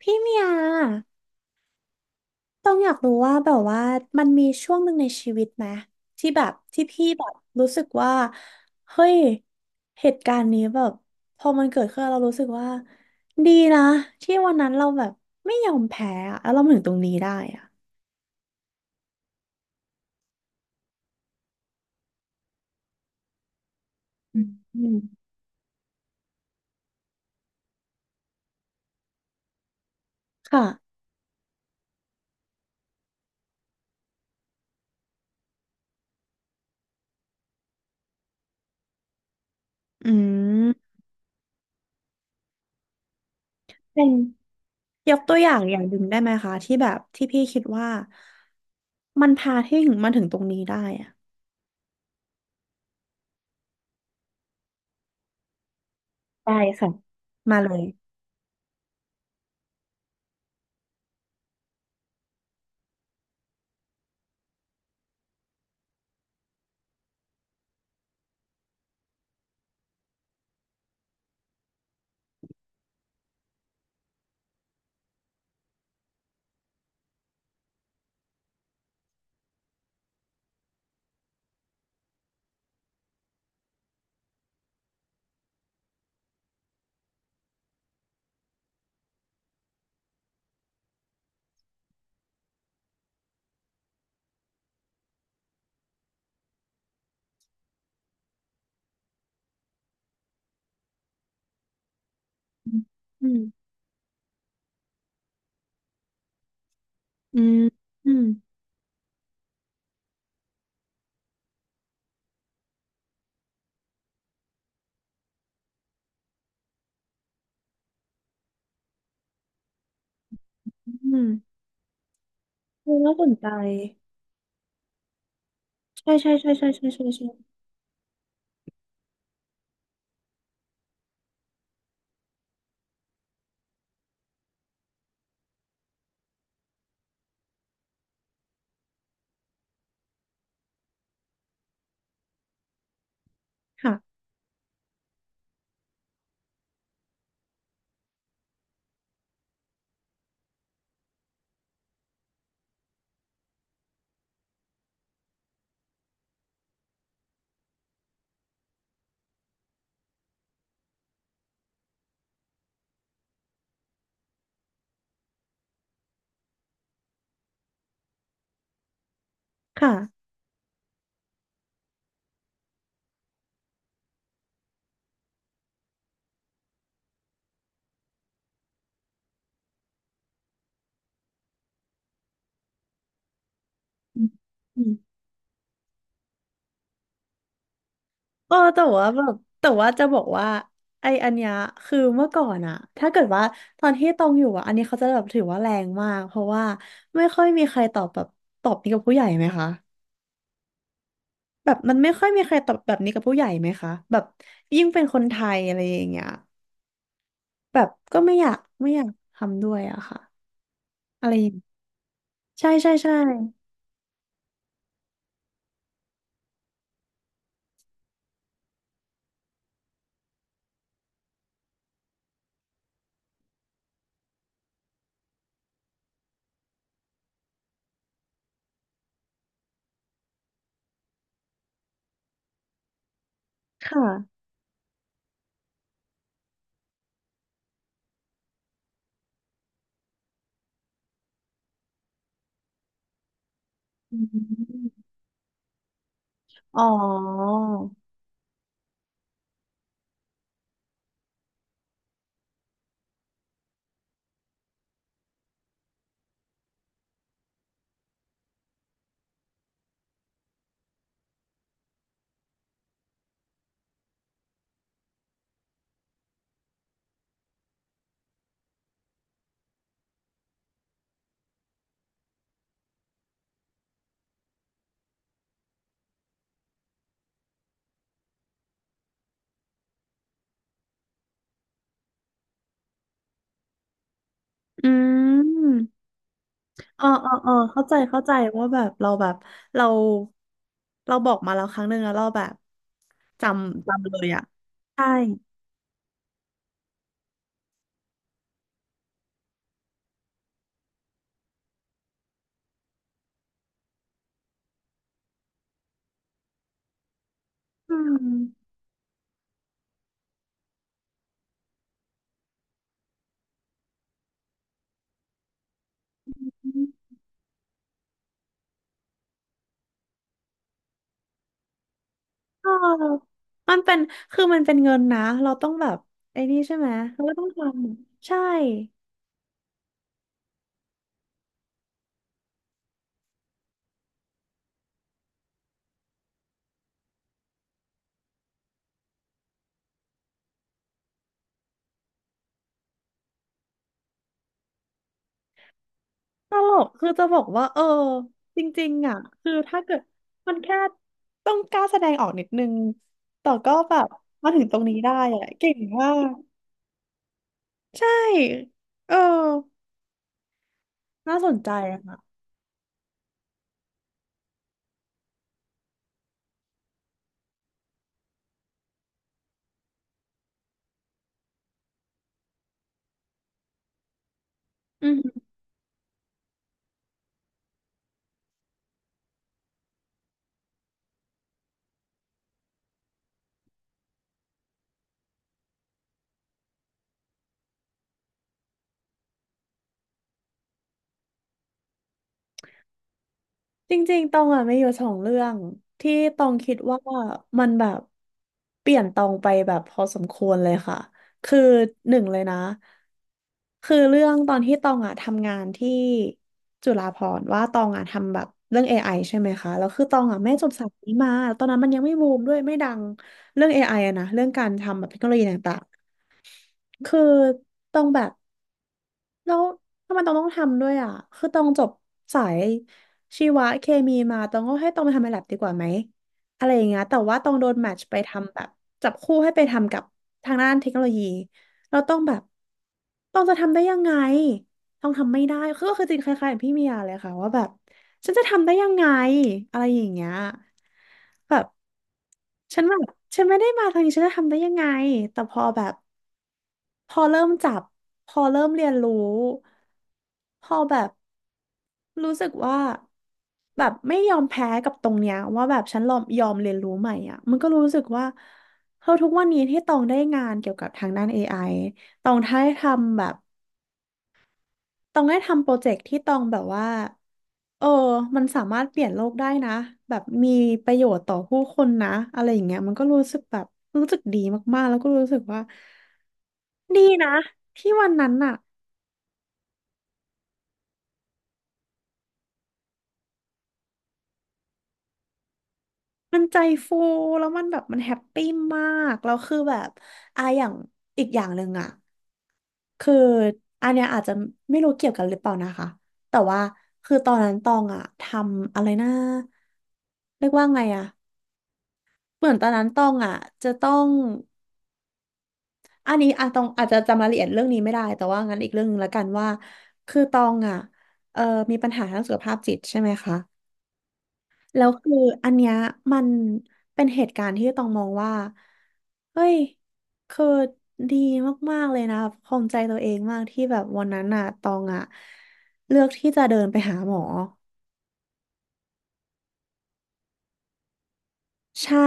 พี่เมียต้องอยากรู้ว่าแบบว่ามันมีช่วงหนึ่งในชีวิตไหมที่แบบที่พี่แบบรู้สึกว่าเฮ้ยเหตุการณ์นี้แบบพอมันเกิดขึ้นแล้วเรารู้สึกว่าดีนะที่วันนั้นเราแบบไม่ยอมแพ้อะแล้วเรามาถึงตรงนี้ได้อะอืมอืมค่ะอืมเป็นยกตัวอย่างอย่างหนึ่งได้ไหมคะที่แบบที่พี่คิดว่ามันพาที่ถึงมาถึงตรงนี้ได้อะได้ค่ะมาเลยอืมอืม อืมอืมอืมเออน่าสนใจใช่ใช่ใช่ใช่ใช่ใช่ใช่ค่ะค่ะอืมอืมเออแต่ว่าแบบแต่ว่าจะบอกว่าไออันเนี้ยคือเมื่อก่อนอะถ้าเกิดว่าตอนที่ตองอยู่อะอันนี้เขาจะแบบถือว่าแรงมากเพราะว่าไม่ค่อยมีใครตอบแบบตอบนี้กับผู้ใหญ่ไหมคะแบบมันไม่ค่อยมีใครตอบแบบนี้กับผู้ใหญ่ไหมคะแบบยิ่งเป็นคนไทยอะไรอย่างเงี้ยแบบก็ไม่อยากไม่อยากทำด้วยอะค่ะอะไรอย่างใช่ใช่ใช่ค่ะ อืมอ๋ออืมเออเออเออเข้าใจเข้าใจว่าแบบเราแบบเราเราบอกมาแล้วครั้งหนึ่งแล้วเราแบบจำจำเลยอ่ะใช่อืมเออมันเป็นคือมันเป็นเงินนะ เราต้องแบบไอ้นี่ใช่ไหมเราก็ต้องทำใช่ ตลกคือจะบอกว่าเออจริงๆอ่ะคือถ้าเกิดมันแค่ต้องกล้าแสดงออกนิดนึงแต่ก็แบบมาถึงตรงนี้ได้อ่ะเก่งมากใช่เออน่าสนใจอะค่ะ จริงๆตองอ่ะไม่อยู่สองเรื่องที่ตองคิดว่ามันแบบเปลี่ยนตองไปแบบพอสมควรเลยค่ะคือหนึ่งเลยนะคือเรื่องตอนที่ตองอ่ะทำงานที่จุฬาภรณ์ว่าตองอ่ะทำแบบเรื่อง AI ใช่ไหมคะแล้วคือตองอ่ะไม่จบสายนี้มาตอนนั้นมันยังไม่บูมด้วยไม่ดังเรื่อง AI อไออะนะเรื่องการทำแบบเทคโนโลยีต่างๆคือตองแบบ แล้วทำไมต้องทำด้วยอ่ะคือต้องจบสายชีวะเคมีมาต้องก็ให้ต้องไปทำในแลบดีกว่าไหมอะไรอย่างเงี้ยแต่ว่าต้องโดนแมทช์ไปทำแบบจับคู่ให้ไปทำกับทางด้านเทคโนโลยีเราต้องแบบต้องจะทำได้ยังไงต้องทำไม่ได้คือก็คือจริงคล้ายๆกับพี่เมียเลยค่ะว่าแบบฉันจะทำได้ยังไงอะไรอย่างเงี้ยแบบฉันแบบฉันไม่ได้มาทางนี้ฉันจะทำได้ยังไงแต่พอแบบ พอเริ่มจับ พอเริ่มเรียนรู้ พอแบบรู้สึกว่าแบบไม่ยอมแพ้กับตรงเนี้ยว่าแบบฉันยอมเรียนรู้ใหม่อ่ะมันก็รู้สึกว่าเฮ้ยทุกวันนี้ที่ตองได้งานเกี่ยวกับทางด้าน AI ตองได้ทำแบบตองได้ทำโปรเจกต์ที่ตองแบบว่าเออ มันสามารถเปลี่ยนโลกได้นะแบบมีประโยชน์ต่อผู้คนนะอะไรอย่างเงี้ยมันก็รู้สึกแบบรู้สึกดีมากๆแล้วก็รู้สึกว่าดีนะที่วันนั้นน่ะ มันใจฟูแล้วมันแบบมันแฮปปี้มากแล้วคือแบบอ่ะอย่างอีกอย่างหนึ่งอ่ะคืออันเนี้ยอาจจะไม่รู้เกี่ยวกันหรือเปล่านะคะแต่ว่าคือตอนนั้นตองอ่ะทำอะไรนะเรียกว่าไงอ่ะเหมือนตอนนั้นตองอ่ะจะต้องอันนี้อ่ะตองอาจจะจำรายละเอียดเรื่องนี้ไม่ได้แต่ว่างั้นอีกเรื่องหนึงละกันว่าคือตองอ่ะเออมีปัญหาทางสุขภาพจิตใช่ไหมคะ แล้วคืออันเนี้ยมันเป็นเหตุการณ์ที่ต้องมองว่าเฮ้ยคือดีมากๆเลยนะภูมิใจตัวเองมากที่แบบวันนั้นน่ะตองอ่ะเลือกที่จะเดินไปหาหมอใช่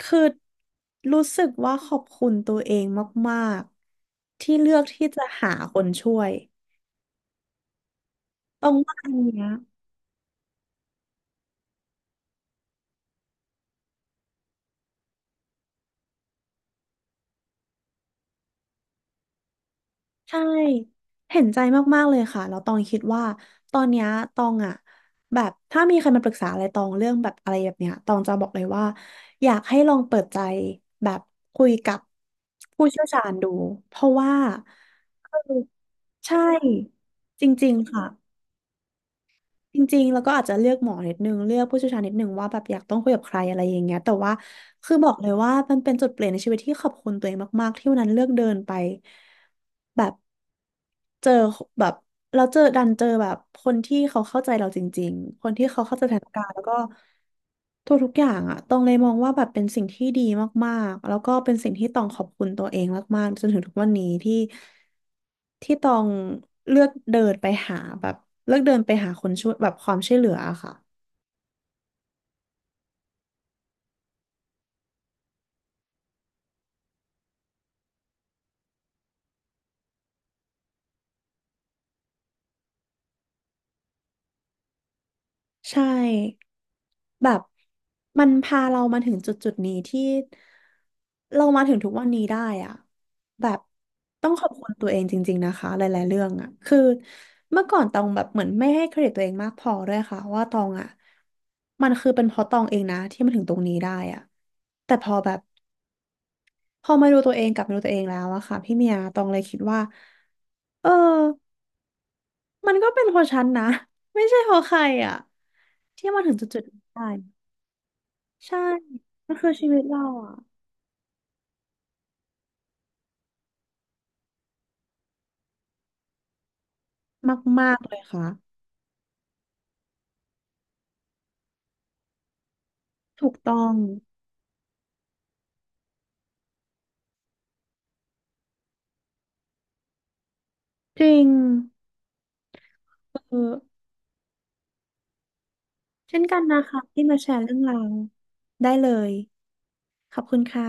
คือรู้สึกว่าขอบคุณตัวเองมากๆที่เลือกที่จะหาคนช่วยตรงว่าอันเนี้ย ใช่เห็นใจมากๆเลยค่ะแล้วตองคิดว่าตอนเนี้ยตองอะแบบถ้ามีใครมาปรึกษาอะไรตองเรื่องแบบอะไรแบบเนี้ยตองจะบอกเลยว่าอยากให้ลองเปิดใจแบบคุยกับผู้เชี่ยวชาญดูเพราะว่าคือใช่จริงๆค่ะ จริงๆแล้วก็อาจจะเลือกหมอนิดนึงเลือกผู้เชี่ยวชาญนิดนึงว่าแบบอยากต้องคุยกับใครอะไรอย่างเงี้ยแต่ว่าคือบอกเลยว่ามันเป็นจุดเปลี่ยนในชีวิตที่ขอบคุณตัวเองมากๆที่วันนั้นเลือกเดินไปแบบเจอแบบเราเจอดันเจอแบบคนที่เขาเข้าใจเราจริงๆคนที่เขาเข้าใจสถานการณ์แล้วก็ทุกๆอย่างอะต้องเลยมองว่าแบบเป็นสิ่งที่ดีมากๆแล้วก็เป็นสิ่งที่ต้องขอบคุณตัวเองมากๆจนถึงทุกวันนี้ที่ ที่ตองเลือกเดินไปหาแบบเลือกเดินไปหาคนช่วยแบบความช่วยเหลืออะค่ะใช่แบบมันพาเรามาถึงจุดจุดนี้ที่เรามาถึงทุกวันนี้ได้อะแบบต้องขอบคุณตัวเองจริงๆนะคะหลายๆเรื่องอะคือเมื่อก่อนตองแบบเหมือนไม่ให้เครดิตตัวเองมากพอด้วยค่ะว่าตองอะมันคือเป็นเพราะตองเองนะที่มาถึงตรงนี้ได้อะแต่พอแบบพอมาดูตัวเองกลับมาดูตัวเองแล้วอะค่ะพี่เมียตองเลยคิดว่า เออ มันก็เป็นเพราะฉันนะไม่ใช่เพราะใครอ่ะที่มาถึงจุดๆนี้ได้ใช่มันคือชีวิตเราอ่ะมากๆเลยค่ะถูกต้องจริงเออเช่นกันนะคะที่มาแชร์เรื่องราวได้เลยขอบคุณค่ะ